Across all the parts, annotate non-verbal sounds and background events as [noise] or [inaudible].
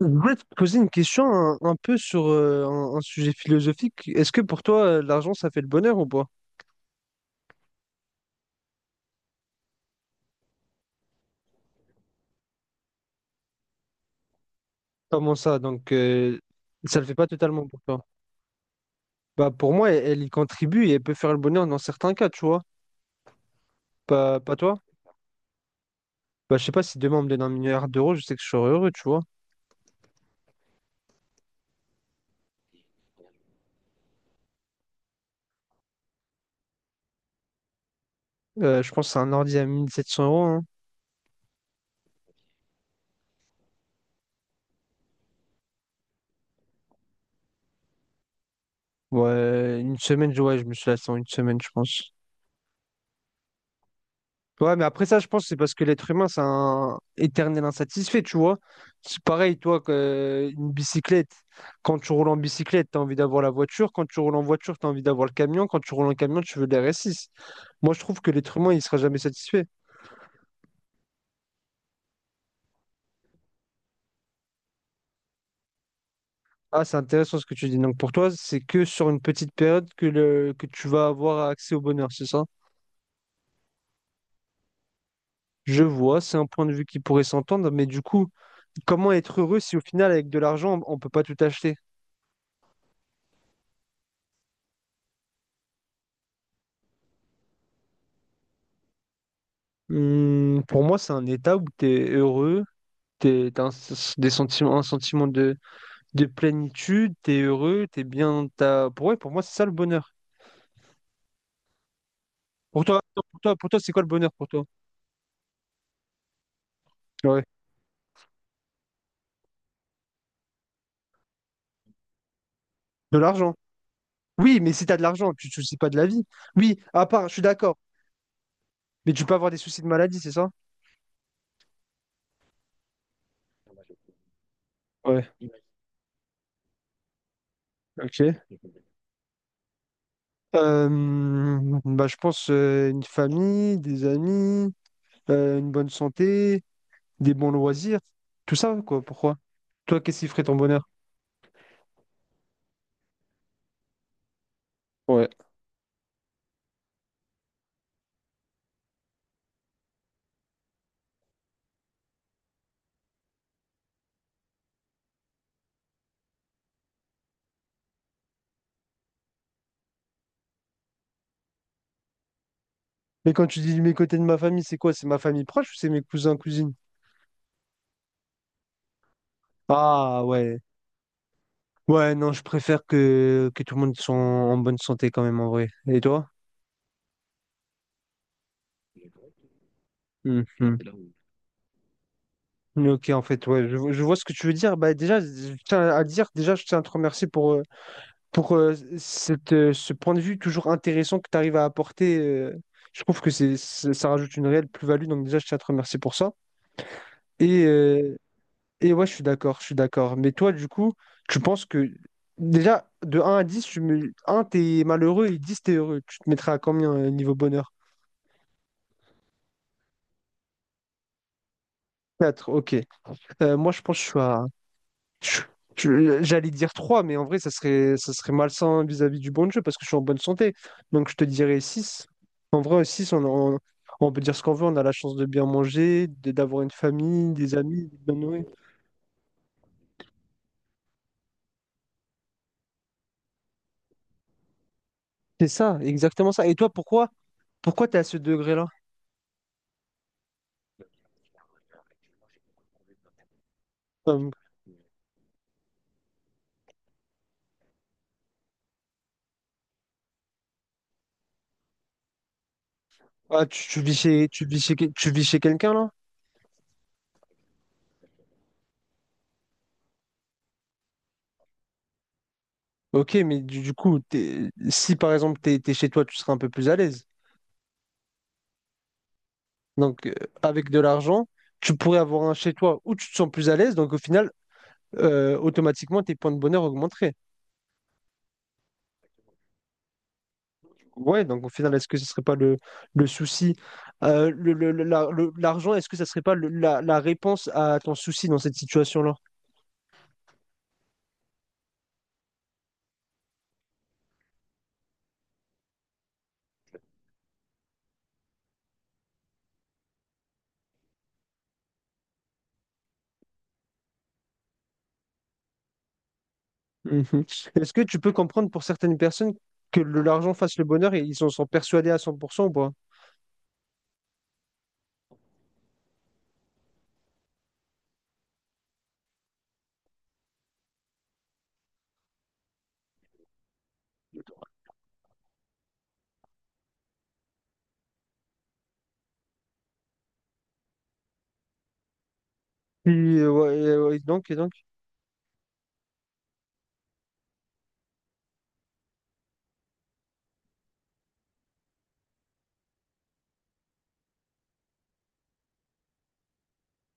Je voulais te poser une question un peu sur un sujet philosophique. Est-ce que pour toi, l'argent, ça fait le bonheur ou pas? Comment ça? Donc, ça le fait pas totalement pour toi. Bah, pour moi, elle y contribue et elle peut faire le bonheur dans certains cas, tu vois. Pas toi? Bah, je sais pas si demain on me donne 1 milliard d'euros, je sais que je serai heureux, tu vois. Je pense à un ordi à 1 700 euros. Hein. Ouais, une semaine, ouais, je me suis lassé en une semaine, je pense. Ouais, mais après ça, je pense que c'est parce que l'être humain, c'est un éternel insatisfait, tu vois. C'est pareil, toi, que une bicyclette. Quand tu roules en bicyclette, tu as envie d'avoir la voiture. Quand tu roules en voiture, tu as envie d'avoir le camion. Quand tu roules en camion, tu veux l'RS6. Moi, je trouve que l'être humain, il sera jamais satisfait. Ah, c'est intéressant ce que tu dis. Donc, pour toi, c'est que sur une petite période que, que tu vas avoir accès au bonheur, c'est ça? Je vois, c'est un point de vue qui pourrait s'entendre, mais du coup, comment être heureux si au final, avec de l'argent, on peut pas tout acheter? Pour moi, c'est un état où tu es heureux, tu as des sentiments, un sentiment de plénitude, tu es heureux, tu es bien. Ouais, pour moi, c'est ça le bonheur. Pour toi, attends, pour toi, c'est quoi le bonheur pour toi? Ouais. De l'argent. Oui, mais si tu as de l'argent, tu te soucies pas de la vie. Oui, à part, je suis d'accord. Mais tu peux avoir des soucis de maladie, c'est ça? Ouais, ok. Euh, Bah, je pense une famille, des amis, une bonne santé, des bons loisirs, tout ça, quoi. Pourquoi? Toi, qu'est-ce qui ferait ton bonheur? Mais quand tu dis mes côtés de ma famille, c'est quoi? C'est ma famille proche ou c'est mes cousins, cousines? Ah ouais. Ouais, non, je préfère que tout le monde soit en bonne santé quand même en vrai. Et toi? Mhm. Ok, en fait, ouais, je vois ce que tu veux dire. Bah, déjà, je tiens à dire, déjà, je tiens à te remercier pour ce point de vue toujours intéressant que tu arrives à apporter. Je trouve que c'est, ça ça rajoute une réelle plus-value, donc déjà, je tiens à te remercier pour ça. Et, euh, Et ouais, je suis d'accord, je suis d'accord. Mais toi, du coup, tu penses que déjà, de un à 10, un t'es malheureux et 10 t'es heureux. Tu te mettrais à combien niveau bonheur? Quatre? Ok. Moi, je pense que je suis à... je- J'allais dire 3, mais en vrai, ça serait malsain vis-à-vis du bon jeu parce que je suis en bonne santé. Donc, je te dirais 6. En vrai, 6. On peut dire ce qu'on veut. On a la chance de bien manger, d'avoir une famille, des amis, de bien nourrir. C'est ça, exactement ça. Et toi, pourquoi t'es à ce degré-là? Euh, Ah, tu vis chez tu vis chez quelqu'un là? Ok, mais du coup, si par exemple t'es chez toi, tu seras un peu plus à l'aise. Donc, avec de l'argent, tu pourrais avoir un chez toi où tu te sens plus à l'aise. Donc, au final, automatiquement, tes points de bonheur augmenteraient. Ouais, donc au final, est-ce que ce serait pas le souci? L'argent, est-ce que ça serait pas la réponse à ton souci dans cette situation-là? Mhm. Est-ce que tu peux comprendre pour certaines personnes que l'argent fasse le bonheur et ils en sont persuadés à 100% ou pas? Et, ouais, et donc.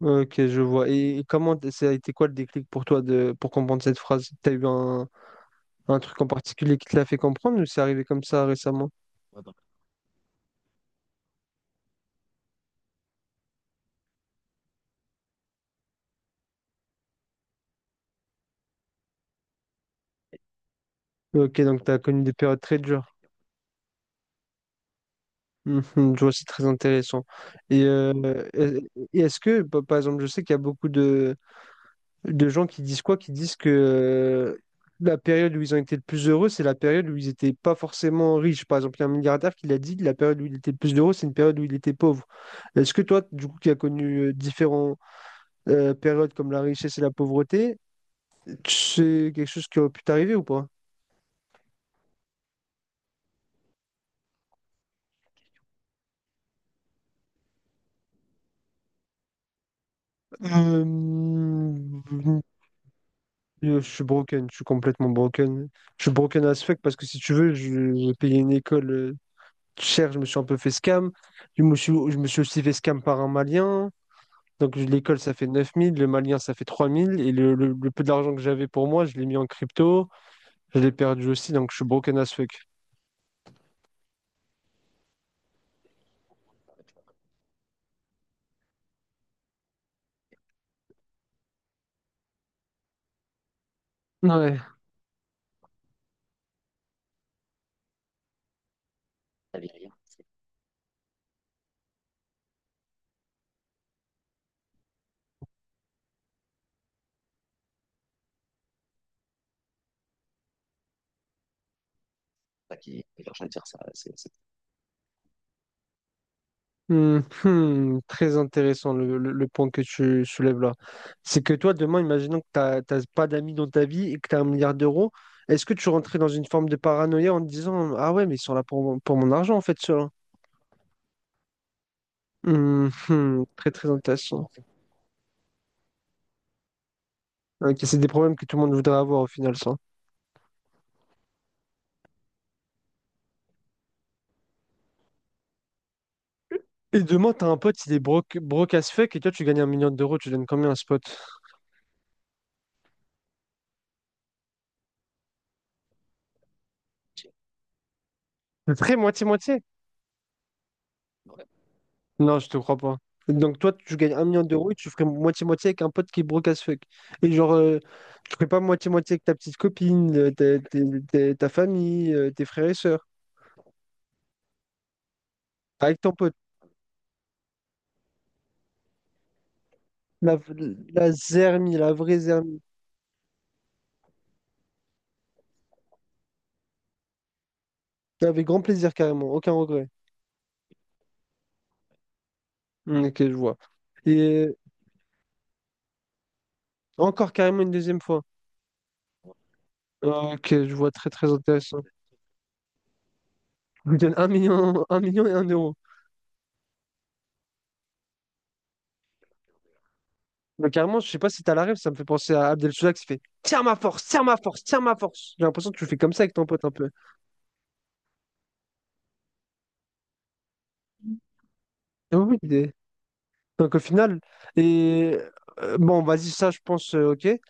Ok, je vois. Et comment ça a été quoi le déclic pour toi de pour comprendre cette phrase? T'as eu un truc en particulier qui te l'a fait comprendre ou c'est arrivé comme ça récemment? Ok, donc tu as connu des périodes très dures. Mhm, je vois, c'est très intéressant. Et est-ce que, par exemple, je sais qu'il y a beaucoup de gens qui disent quoi? Qui disent que la période où ils ont été le plus heureux, c'est la période où ils n'étaient pas forcément riches. Par exemple, il y a un milliardaire qui l'a dit, la période où il était le plus heureux, c'est une période où il était pauvre. Est-ce que toi, du coup, qui as connu différentes périodes comme la richesse et la pauvreté, c'est quelque chose qui aurait pu t'arriver ou pas? Euh, Yo, je suis broken, je suis complètement broken. Je suis broken as fuck parce que si tu veux, j'ai payé une école chère, je me suis un peu fait scam. Je me suis aussi fait scam par un Malien. Donc l'école, ça fait 9 000, le Malien, ça fait 3 000. Et le peu d'argent que j'avais pour moi, je l'ai mis en crypto. Je l'ai perdu aussi, donc je suis broken as fuck. Ouais. Hmm, hmm, très intéressant le point que tu soulèves là. C'est que toi, demain, imaginons que t'as pas d'amis dans ta vie et que tu as 1 milliard d'euros, est-ce que tu rentrais dans une forme de paranoïa en te disant, ah ouais, mais ils sont là pour mon argent en fait, ceux-là. Hmm, hmm, très très intéressant. Ok, c'est des problèmes que tout le monde voudrait avoir au final, ça. Et demain, t'as un pote, il est broke, broke as fuck et toi, tu gagnes 1 million d'euros, tu donnes combien à ce pote? Très moitié-moitié. Non, je te crois pas. Donc toi, tu gagnes 1 million d'euros et tu ferais moitié-moitié avec un pote qui est broke as fuck. Et genre, tu ferais pas moitié-moitié avec ta petite copine, ta famille, tes frères et sœurs. Avec ton pote. La, la zermie, la vraie zermie. Avec grand plaisir carrément, aucun regret. Hmm, ok, je vois. Et encore carrément une deuxième fois. Ok, je vois très très intéressant. Je vous donne 1 million, [laughs] 1 million et 1 euro. Mais carrément, je sais pas si t'as la rêve, ça me fait penser à Abdel Soudak qui fait tiens ma force, tiens ma force, tiens ma force. J'ai l'impression que tu fais comme ça avec ton pote un peu. Et oui, donc au final, et bon, vas-y, ça je pense, ok. Et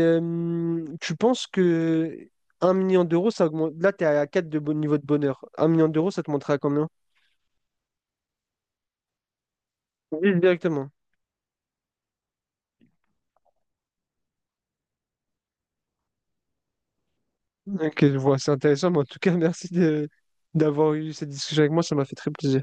tu penses que 1 million d'euros, ça augmente. Là, t'es à 4 de bon niveau de bonheur. 1 million d'euros, ça te montrait à combien? Oui, directement. Ok, je vois, c'est intéressant, mais en tout cas, [laughs] merci d'avoir eu cette discussion avec moi, ça m'a fait très plaisir.